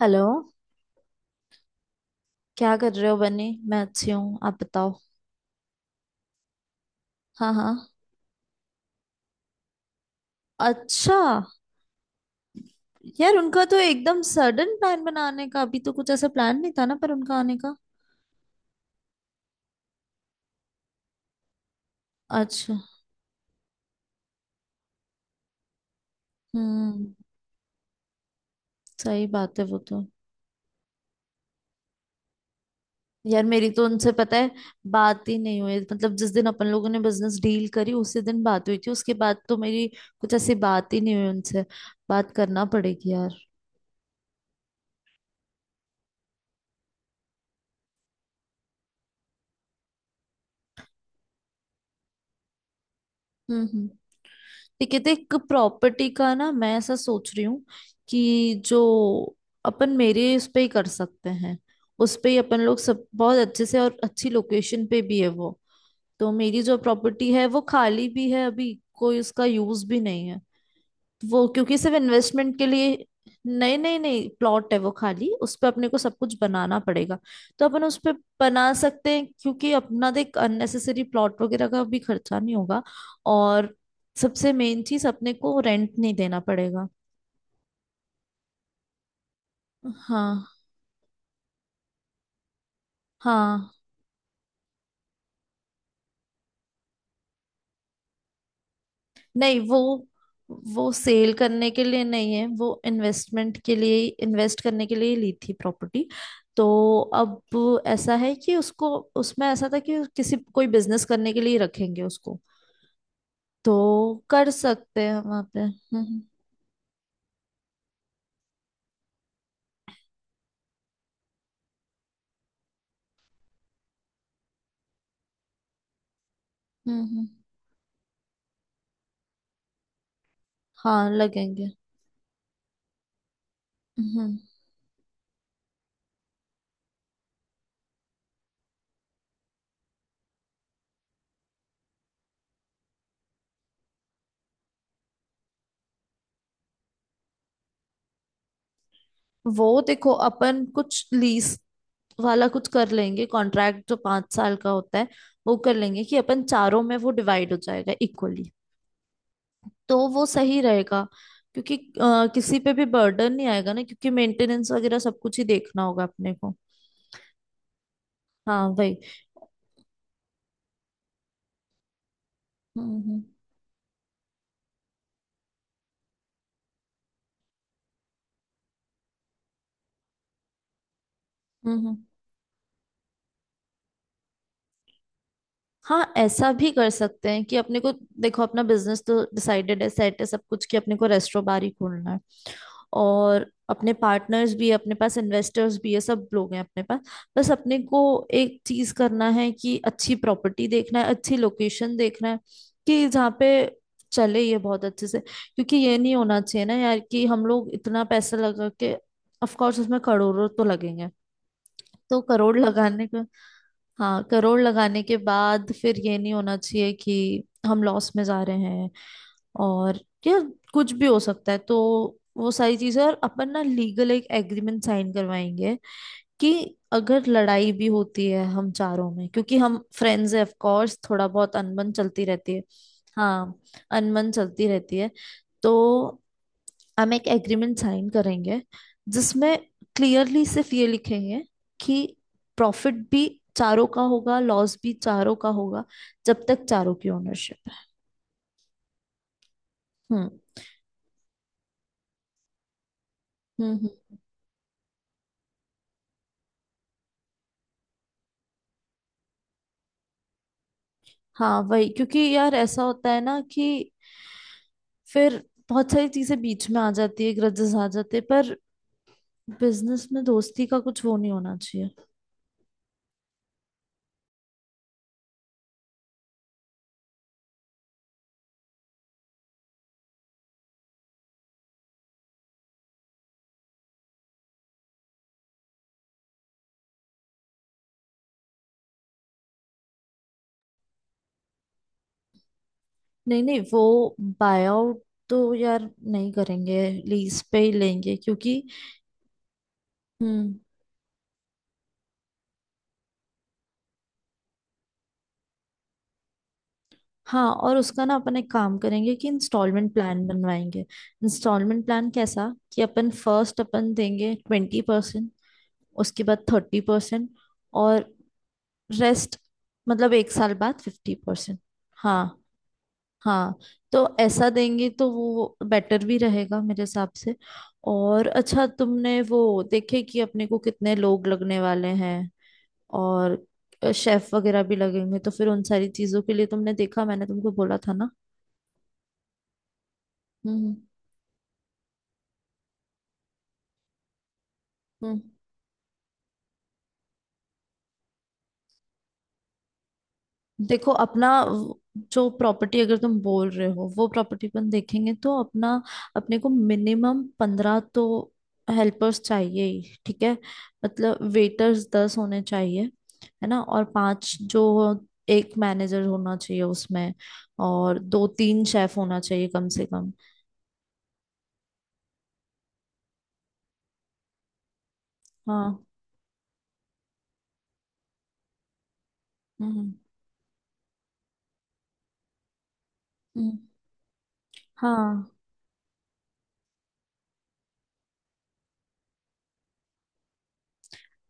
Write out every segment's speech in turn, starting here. Hello. क्या कर रहे हो बनी? मैं अच्छी हूँ, आप बताओ। हाँ हाँ, अच्छा। यार उनका तो एकदम सडन प्लान बनाने का, अभी तो कुछ ऐसा प्लान नहीं था ना पर, उनका आने का। अच्छा। हम्म। सही बात है वो तो। यार मेरी तो उनसे पता है, बात ही नहीं हुई, मतलब जिस दिन अपन लोगों ने बिजनेस डील करी उसी दिन बात हुई थी, उसके बाद तो मेरी कुछ ऐसी बात ही नहीं हुई उनसे। बात करना पड़ेगी यार। हम्म हम्म। ये कहते हैं, एक प्रॉपर्टी का ना मैं ऐसा सोच रही हूँ कि जो अपन मेरे उस पे ही कर सकते हैं। उस पे ही अपन लोग सब बहुत अच्छे से, और अच्छी लोकेशन पे भी है वो। तो मेरी जो प्रॉपर्टी है वो खाली भी है अभी, कोई उसका यूज भी नहीं है वो, क्योंकि सिर्फ इन्वेस्टमेंट के लिए। नहीं नहीं नहीं, प्लॉट है वो खाली, उस पे अपने को सब कुछ बनाना पड़ेगा, तो अपन उस पे बना सकते हैं, क्योंकि अपना देख अननेसेसरी प्लॉट वगैरह का भी खर्चा नहीं होगा। और सबसे मेन चीज, अपने को रेंट नहीं देना पड़ेगा। हाँ। हाँ। नहीं वो सेल करने के लिए नहीं है, वो इन्वेस्टमेंट के लिए। इन्वेस्ट करने के लिए ही ली थी प्रॉपर्टी। तो अब ऐसा है कि उसको, उसमें ऐसा था कि किसी कोई बिजनेस करने के लिए रखेंगे उसको, तो कर सकते हैं वहां पे। हम्म। हम्म, हम्म। हाँ लगेंगे। हम्म हम्म। वो देखो, अपन कुछ लीज वाला कुछ कर लेंगे, कॉन्ट्रैक्ट जो 5 साल का होता है वो कर लेंगे, कि अपन चारों में वो डिवाइड हो जाएगा इक्वली। तो वो सही रहेगा, क्योंकि किसी पे भी बर्डन नहीं आएगा ना, क्योंकि मेंटेनेंस वगैरह सब कुछ ही देखना होगा अपने को। हाँ वही। हम्म। हम्म हम्म। हाँ ऐसा भी कर सकते हैं कि अपने को, देखो अपना बिजनेस तो डिसाइडेड है, सेट है सब कुछ, कि अपने को रेस्टोरेंट बार ही खोलना है। और अपने पार्टनर्स भी है, अपने पास इन्वेस्टर्स भी है, सब लोग हैं अपने पास। बस अपने को एक चीज करना है कि अच्छी प्रॉपर्टी देखना है, अच्छी लोकेशन देखना है, कि जहाँ पे चले ये बहुत अच्छे से। क्योंकि ये नहीं होना चाहिए ना यार, कि हम लोग इतना पैसा लगा के, ऑफ कोर्स उसमें करोड़ों तो लगेंगे, तो करोड़ लगाने का, हाँ करोड़ लगाने के बाद फिर ये नहीं होना चाहिए कि हम लॉस में जा रहे हैं। और यार, कुछ भी हो सकता है। तो वो सारी चीजें, और अपन ना लीगल एक एग्रीमेंट साइन करवाएंगे, कि अगर लड़ाई भी होती है हम चारों में, क्योंकि हम फ्रेंड्स हैं, ऑफ कोर्स थोड़ा बहुत अनबन चलती रहती है। हाँ, अनबन चलती रहती है। तो हम एक एग्रीमेंट साइन करेंगे, जिसमें क्लियरली सिर्फ ये लिखेंगे कि प्रॉफिट भी चारों का होगा, लॉस भी चारों का होगा, जब तक चारों की ओनरशिप है। हम्म। हम्म हम्म। हाँ वही, क्योंकि यार ऐसा होता है ना, कि फिर बहुत सारी चीजें बीच में आ जाती है, ग्रजेस आ जाते हैं, पर बिजनेस में दोस्ती का कुछ वो नहीं होना चाहिए। नहीं नहीं वो, बाय आउट तो यार नहीं करेंगे, लीज पे ही लेंगे, क्योंकि, हम्म। हाँ और उसका ना अपन एक काम करेंगे कि इंस्टॉलमेंट प्लान बनवाएंगे। इंस्टॉलमेंट प्लान कैसा, कि अपन फर्स्ट अपन देंगे 20%, उसके बाद 30%, और रेस्ट, मतलब 1 साल बाद 50%। हाँ। हाँ, तो ऐसा देंगे तो वो बेटर भी रहेगा मेरे हिसाब से। और अच्छा तुमने वो देखे कि अपने को कितने लोग लगने वाले हैं, और शेफ वगैरह भी लगेंगे, तो फिर उन सारी चीजों के लिए तुमने देखा? मैंने तुमको बोला था ना। हम्म हम्म। देखो अपना जो प्रॉपर्टी अगर तुम बोल रहे हो, वो प्रॉपर्टी अपन देखेंगे तो अपना, अपने को मिनिमम 15 तो हेल्पर्स चाहिए ही, ठीक है। मतलब वेटर्स 10 होने चाहिए, है ना, और पांच जो, एक मैनेजर होना चाहिए उसमें, और दो तीन शेफ होना चाहिए कम से कम। हाँ। हम्म हम्म, हाँ।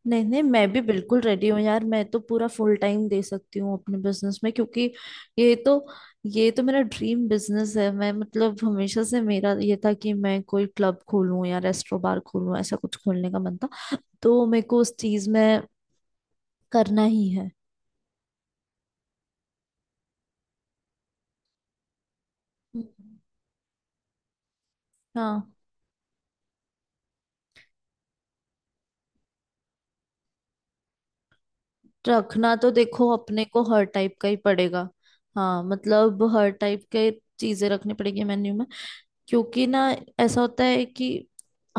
नहीं नहीं, मैं भी बिल्कुल रेडी हूँ यार, मैं तो पूरा फुल टाइम दे सकती हूँ अपने बिजनेस में, क्योंकि ये तो, ये तो मेरा ड्रीम बिजनेस है। मैं मतलब हमेशा से मेरा ये था कि मैं कोई क्लब खोलूँ या रेस्टो बार खोलूँ, ऐसा कुछ खोलने का मन था, तो मेरे को उस चीज में करना ही है। हम्म। हाँ, रखना तो देखो अपने को हर टाइप का ही पड़ेगा। हाँ, मतलब हर टाइप के चीजें रखनी पड़ेगी मेन्यू में, क्योंकि ना ऐसा होता है कि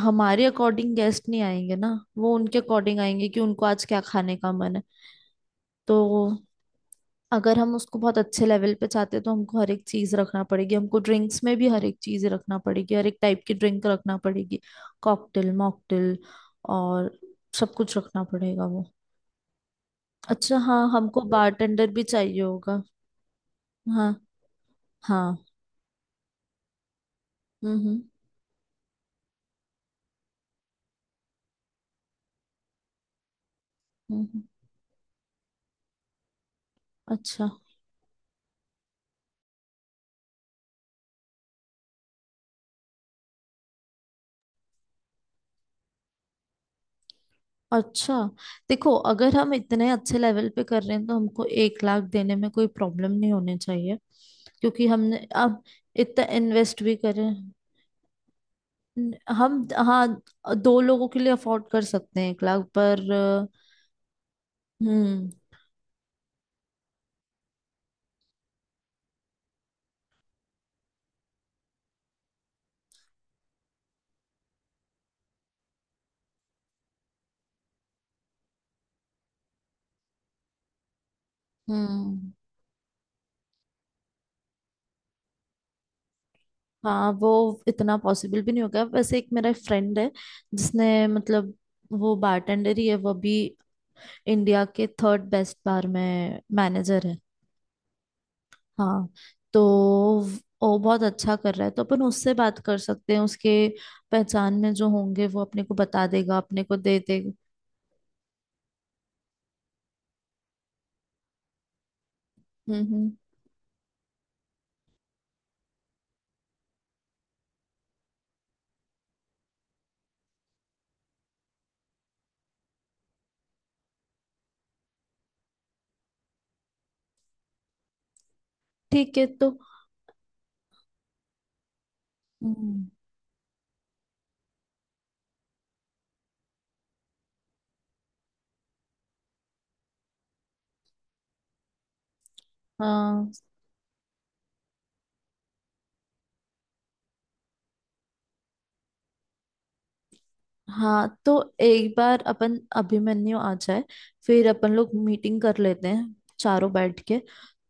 हमारे अकॉर्डिंग गेस्ट नहीं आएंगे ना, वो उनके अकॉर्डिंग आएंगे, कि उनको आज क्या खाने का मन है। तो अगर हम उसको बहुत अच्छे लेवल पे चाहते हैं, तो हमको हर एक चीज रखना पड़ेगी, हमको ड्रिंक्स में भी हर एक चीज रखना पड़ेगी, हर एक टाइप की ड्रिंक रखना पड़ेगी, कॉकटेल, मॉकटेल, और सब कुछ रखना पड़ेगा वो। अच्छा, हाँ हमको बारटेंडर भी चाहिए होगा। हाँ हाँ। हम्म हम्म हम्म हम्म, अच्छा। अच्छा देखो, अगर हम इतने अच्छे लेवल पे कर रहे हैं, तो हमको 1 लाख देने में कोई प्रॉब्लम नहीं होनी चाहिए, क्योंकि हमने अब इतना इन्वेस्ट भी करें। हम हाँ, दो लोगों के लिए अफोर्ड कर सकते हैं 1 लाख पर। हम्म हम्म। हाँ वो इतना पॉसिबल भी नहीं होगा। वैसे एक मेरा फ्रेंड है, जिसने मतलब, वो बारटेंडर ही है वो भी, इंडिया के थर्ड बेस्ट बार में मैनेजर है। हाँ, तो वो बहुत अच्छा कर रहा है, तो अपन उससे बात कर सकते हैं। उसके पहचान में जो होंगे वो अपने को बता देगा, अपने को दे देगा। हम्म। ठीक है तो, हम्म, हाँ हाँ, तो एक बार अपन अभिमन्यु आ जाए, फिर अपन लोग मीटिंग कर लेते हैं चारों बैठ के।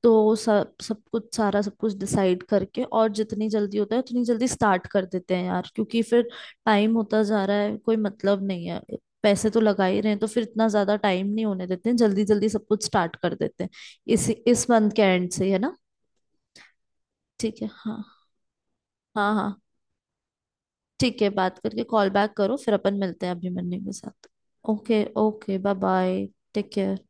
तो सब, सब कुछ सारा सब कुछ डिसाइड करके, और जितनी जल्दी होता है उतनी जल्दी स्टार्ट कर देते हैं यार, क्योंकि फिर टाइम होता जा रहा है, कोई मतलब नहीं है। पैसे तो लगा ही रहे हैं, तो फिर इतना ज्यादा टाइम नहीं होने देते हैं, जल्दी जल्दी सब कुछ स्टार्ट कर देते हैं, इसी इस मंथ के एंड से ही, है ना। ठीक है। हाँ हाँ। हाँ ठीक है, बात करके कॉल बैक करो, फिर अपन मिलते हैं अभिमन्यु के साथ। Okay okay, bye bye. Take care.